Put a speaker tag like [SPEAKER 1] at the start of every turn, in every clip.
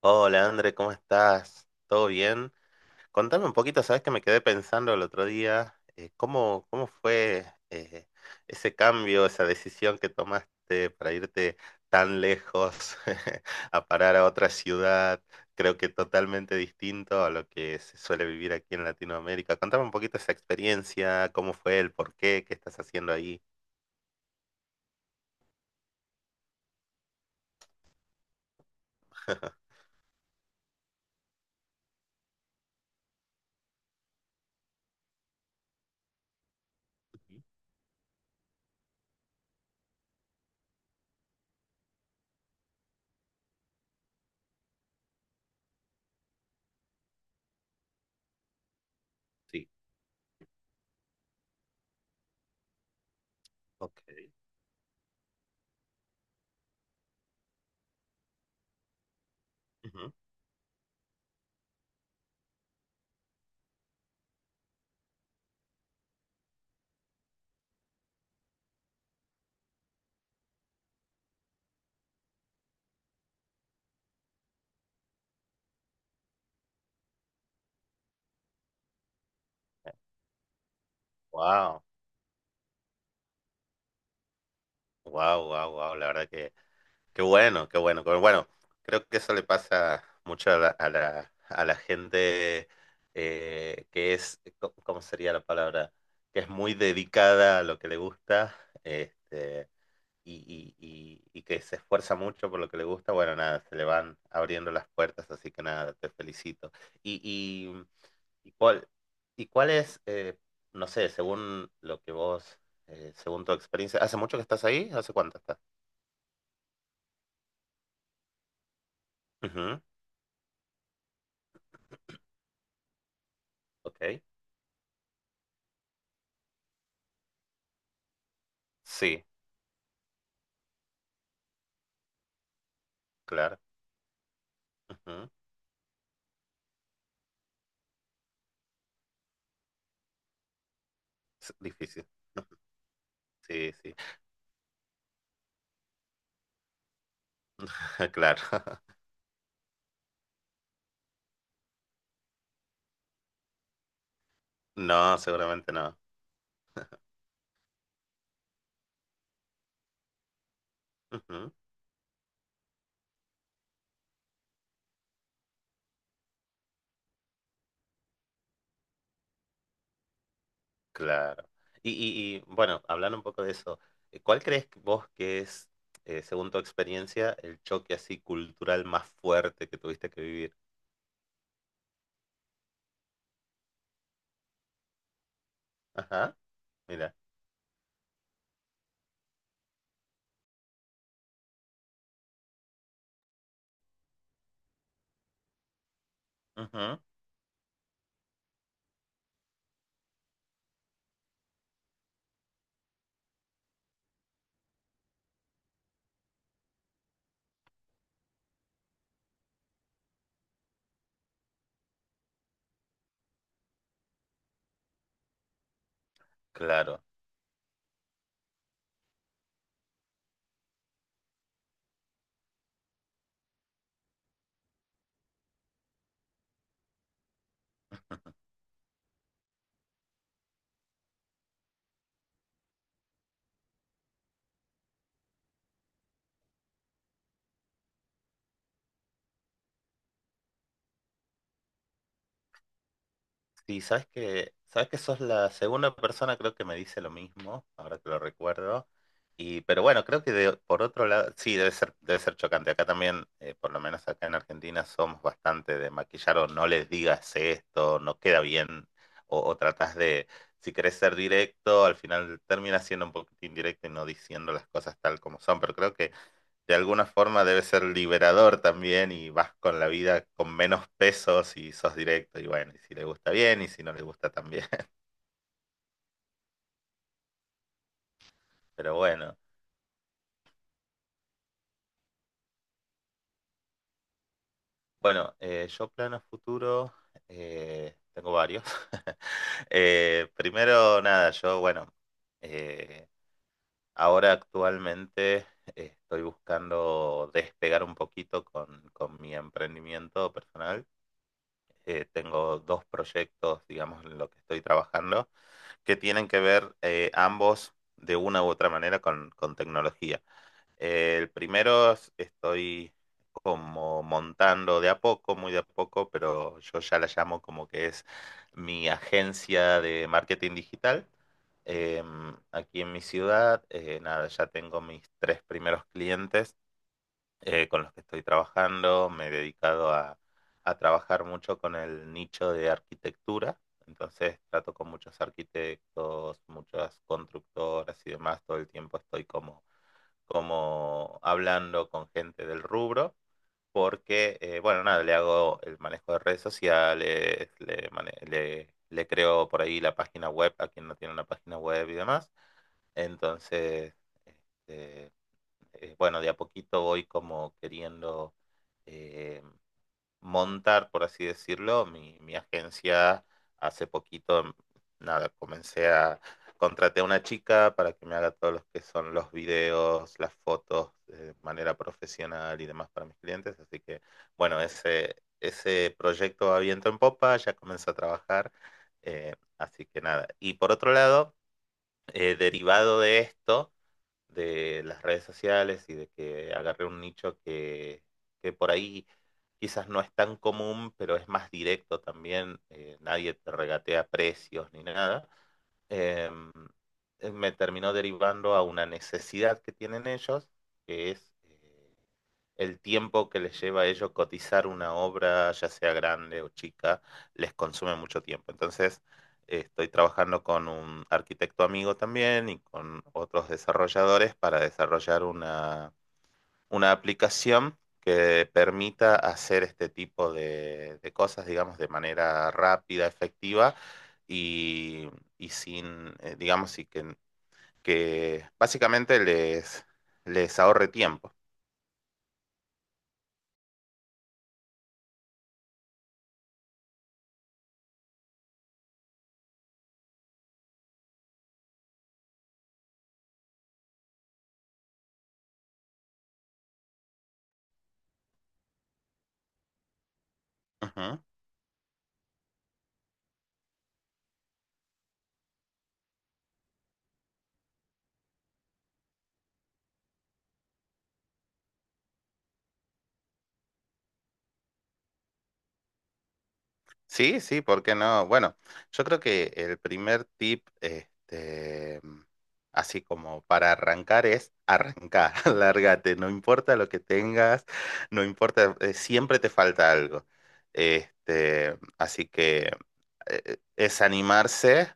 [SPEAKER 1] Hola, André, ¿cómo estás? ¿Todo bien? Contame un poquito, sabes que me quedé pensando el otro día, ¿cómo fue eh, ese cambio, esa decisión que tomaste para irte tan lejos a parar a otra ciudad? Creo que totalmente distinto a lo que se suele vivir aquí en Latinoamérica. Contame un poquito esa experiencia, cómo fue, el por qué, qué estás haciendo ahí. Ujú. Sí. Ok. Wow, wow, wow, wow. La verdad que qué bueno, qué bueno, qué bueno, bueno, creo que eso le pasa mucho a la gente que es, co- ¿cómo sería la palabra? Que es muy dedicada a lo que le gusta, este, y que se esfuerza mucho por lo que le gusta. Bueno, nada, se le van abriendo las puertas, así que nada, te felicito. Y, y, ¿Y cuál, y cuál es, no sé, según lo que vos, según tu experiencia, hace mucho que estás ahí? ¿Hace cuánto estás? Ujú, ok. Sí, claro. Ujú. Es difícil. Sí, sí. Claro. No, seguramente no. Ujú. Claro. Bueno, hablando un poco de eso, ¿cuál crees que vos que es, según tu experiencia, el choque así cultural más fuerte que tuviste que vivir? Ajá, mira. Ujú. Claro. Sí, sabes que sos la segunda persona creo que me dice lo mismo, ahora que lo recuerdo. Y pero bueno, creo que de- por otro lado, sí, debe ser chocante. Acá también, por lo menos acá en Argentina, somos bastante de maquillar o no les digas esto, no queda bien, o tratás de, si querés ser directo, al final termina siendo un poquito indirecto y no diciendo las cosas tal como son. Pero creo que de alguna forma debe ser liberador también y vas con la vida con menos pesos y sos directo y bueno, y si le gusta bien y si no le gusta también. Pero bueno, bueno, yo planos futuro, tengo varios. Primero, nada, yo bueno, eh, ahora actualmente estoy buscando despegar un poquito con mi emprendimiento personal. Tengo dos proyectos, digamos, en lo que estoy trabajando que tienen que ver ambos de una u otra manera con tecnología. El primero es- estoy como montando de a poco, muy de a poco, pero yo ya la llamo como que es mi agencia de marketing digital. Aquí en mi ciudad, nada, ya tengo mis tres primeros clientes con los que estoy trabajando. Me he dedicado a trabajar mucho con el nicho de arquitectura. Entonces trato con muchos arquitectos, muchas constructoras y demás. Todo el tiempo estoy como hablando con gente del rubro. Porque bueno, nada, le hago el manejo de redes sociales, le creo por ahí la página web a quien no tiene una página web y demás. Entonces, este, bueno, de a poquito voy como queriendo eh, montar, por así decirlo, mi agencia. Hace poquito, nada, comencé a contraté a una chica para que me haga todos los que son los videos, las fotos, de manera profesional y demás para mis clientes. Así que bueno, ese proyecto va viento en popa, ya comencé a trabajar. Así que nada. Y por otro lado, derivado de esto de las redes sociales y de que agarré un nicho que por ahí quizás no es tan común, pero es más directo también, nadie te regatea precios ni nada. em, Me terminó derivando a una necesidad que tienen ellos, que es el tiempo que les lleva a ellos cotizar una obra, ya sea grande o chica, les consume mucho tiempo. Entonces, estoy trabajando con un arquitecto amigo también y con otros desarrolladores para desarrollar una aplicación que permita hacer este tipo de cosas, digamos, de manera rápida, efectiva y, y sin, digamos, y que básicamente les ahorre tiempo. Ujú. Sí, sí, ¿por qué no? Bueno, yo creo que el primer tip, así como para arrancar, es arrancar, lárgate, no importa lo que tengas, no importa, siempre te falta algo. Así que es animarse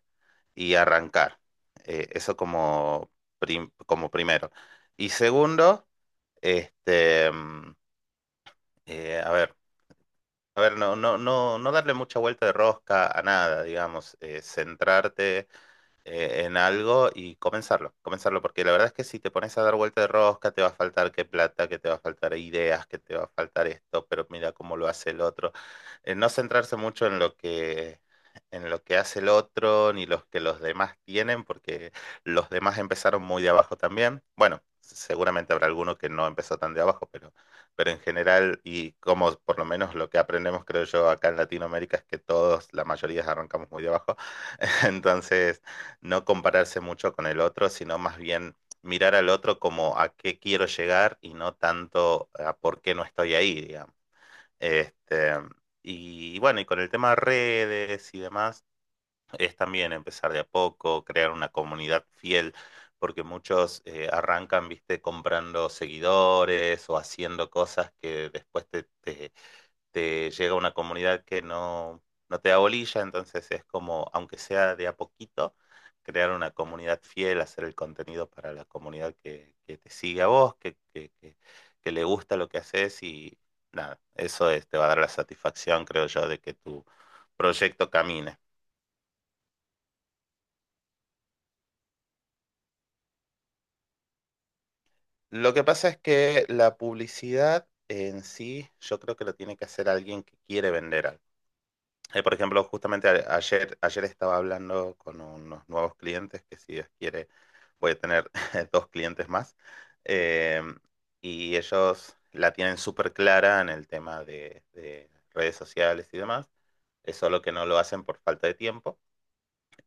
[SPEAKER 1] y arrancar. Eso como prim- como primero. Y segundo, este, mm, a ver. A ver, no, no, no, no darle mucha vuelta de rosca a nada, digamos, centrarte en algo y comenzarlo, porque la verdad es que si te pones a dar vuelta de rosca, te va a faltar que plata, que te va a faltar ideas, que te va a faltar esto, pero mira cómo lo hace el otro. No centrarse mucho en lo que hace el otro, ni los que los demás tienen, porque los demás empezaron muy de abajo también. Bueno, seguramente habrá alguno que no empezó tan de abajo, pero en general, y como por lo menos lo que aprendemos, creo yo, acá en Latinoamérica, es que todos, la mayoría arrancamos muy de abajo. Entonces, no compararse mucho con el otro, sino más bien mirar al otro como a qué quiero llegar y no tanto a por qué no estoy ahí, digamos. Este, y bueno, y con el tema de redes y demás, es también empezar de a poco, crear una comunidad fiel, porque muchos arrancan, viste, comprando seguidores o haciendo cosas que después te llega una comunidad que no te da bolilla, entonces es como, aunque sea de a poquito, crear una comunidad fiel, hacer el contenido para la comunidad que te sigue a vos, que le gusta lo que haces y nada, eso es, te va a dar la satisfacción, creo yo, de que tu proyecto camine. Lo que pasa es que la publicidad en sí, yo creo que lo tiene que hacer alguien que quiere vender algo. Por ejemplo, justamente ayer estaba hablando con unos nuevos clientes que si Dios quiere voy a tener dos clientes más. Eh, y ellos la tienen súper clara en el tema de redes sociales y demás. Es solo que no lo hacen por falta de tiempo.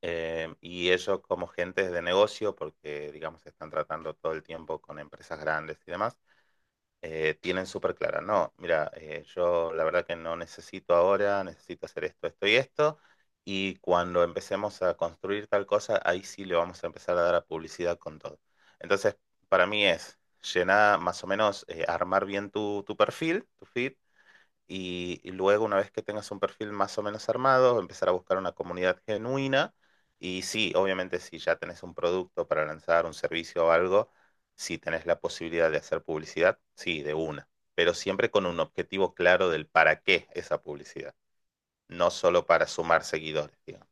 [SPEAKER 1] Y ellos como gentes de negocio, porque digamos están tratando todo el tiempo con empresas grandes y demás, tienen súper clara, no, mira, yo la verdad que no necesito ahora, necesito hacer esto, esto y esto, y cuando empecemos a construir tal cosa, ahí sí le vamos a empezar a dar a publicidad con todo. Entonces, para mí es llenar, más o menos, armar bien tu perfil, tu feed, y luego una vez que tengas un perfil más o menos armado, empezar a buscar una comunidad genuina y sí, obviamente si ya tenés un producto para lanzar, un servicio o algo, si tenés la posibilidad de hacer publicidad, sí, de una, pero siempre con un objetivo claro del para qué esa publicidad, no solo para sumar seguidores, digamos.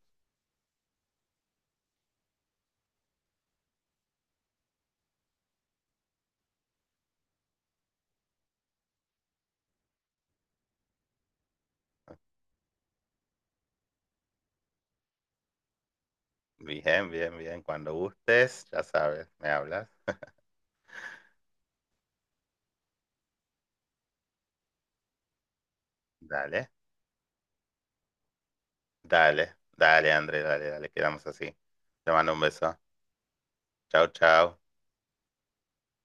[SPEAKER 1] Bien, bien, bien, cuando gustes, ya sabes, me hablas. Dale, dale, dale, André, dale, dale, quedamos así. Te mando un beso. Chao, chao.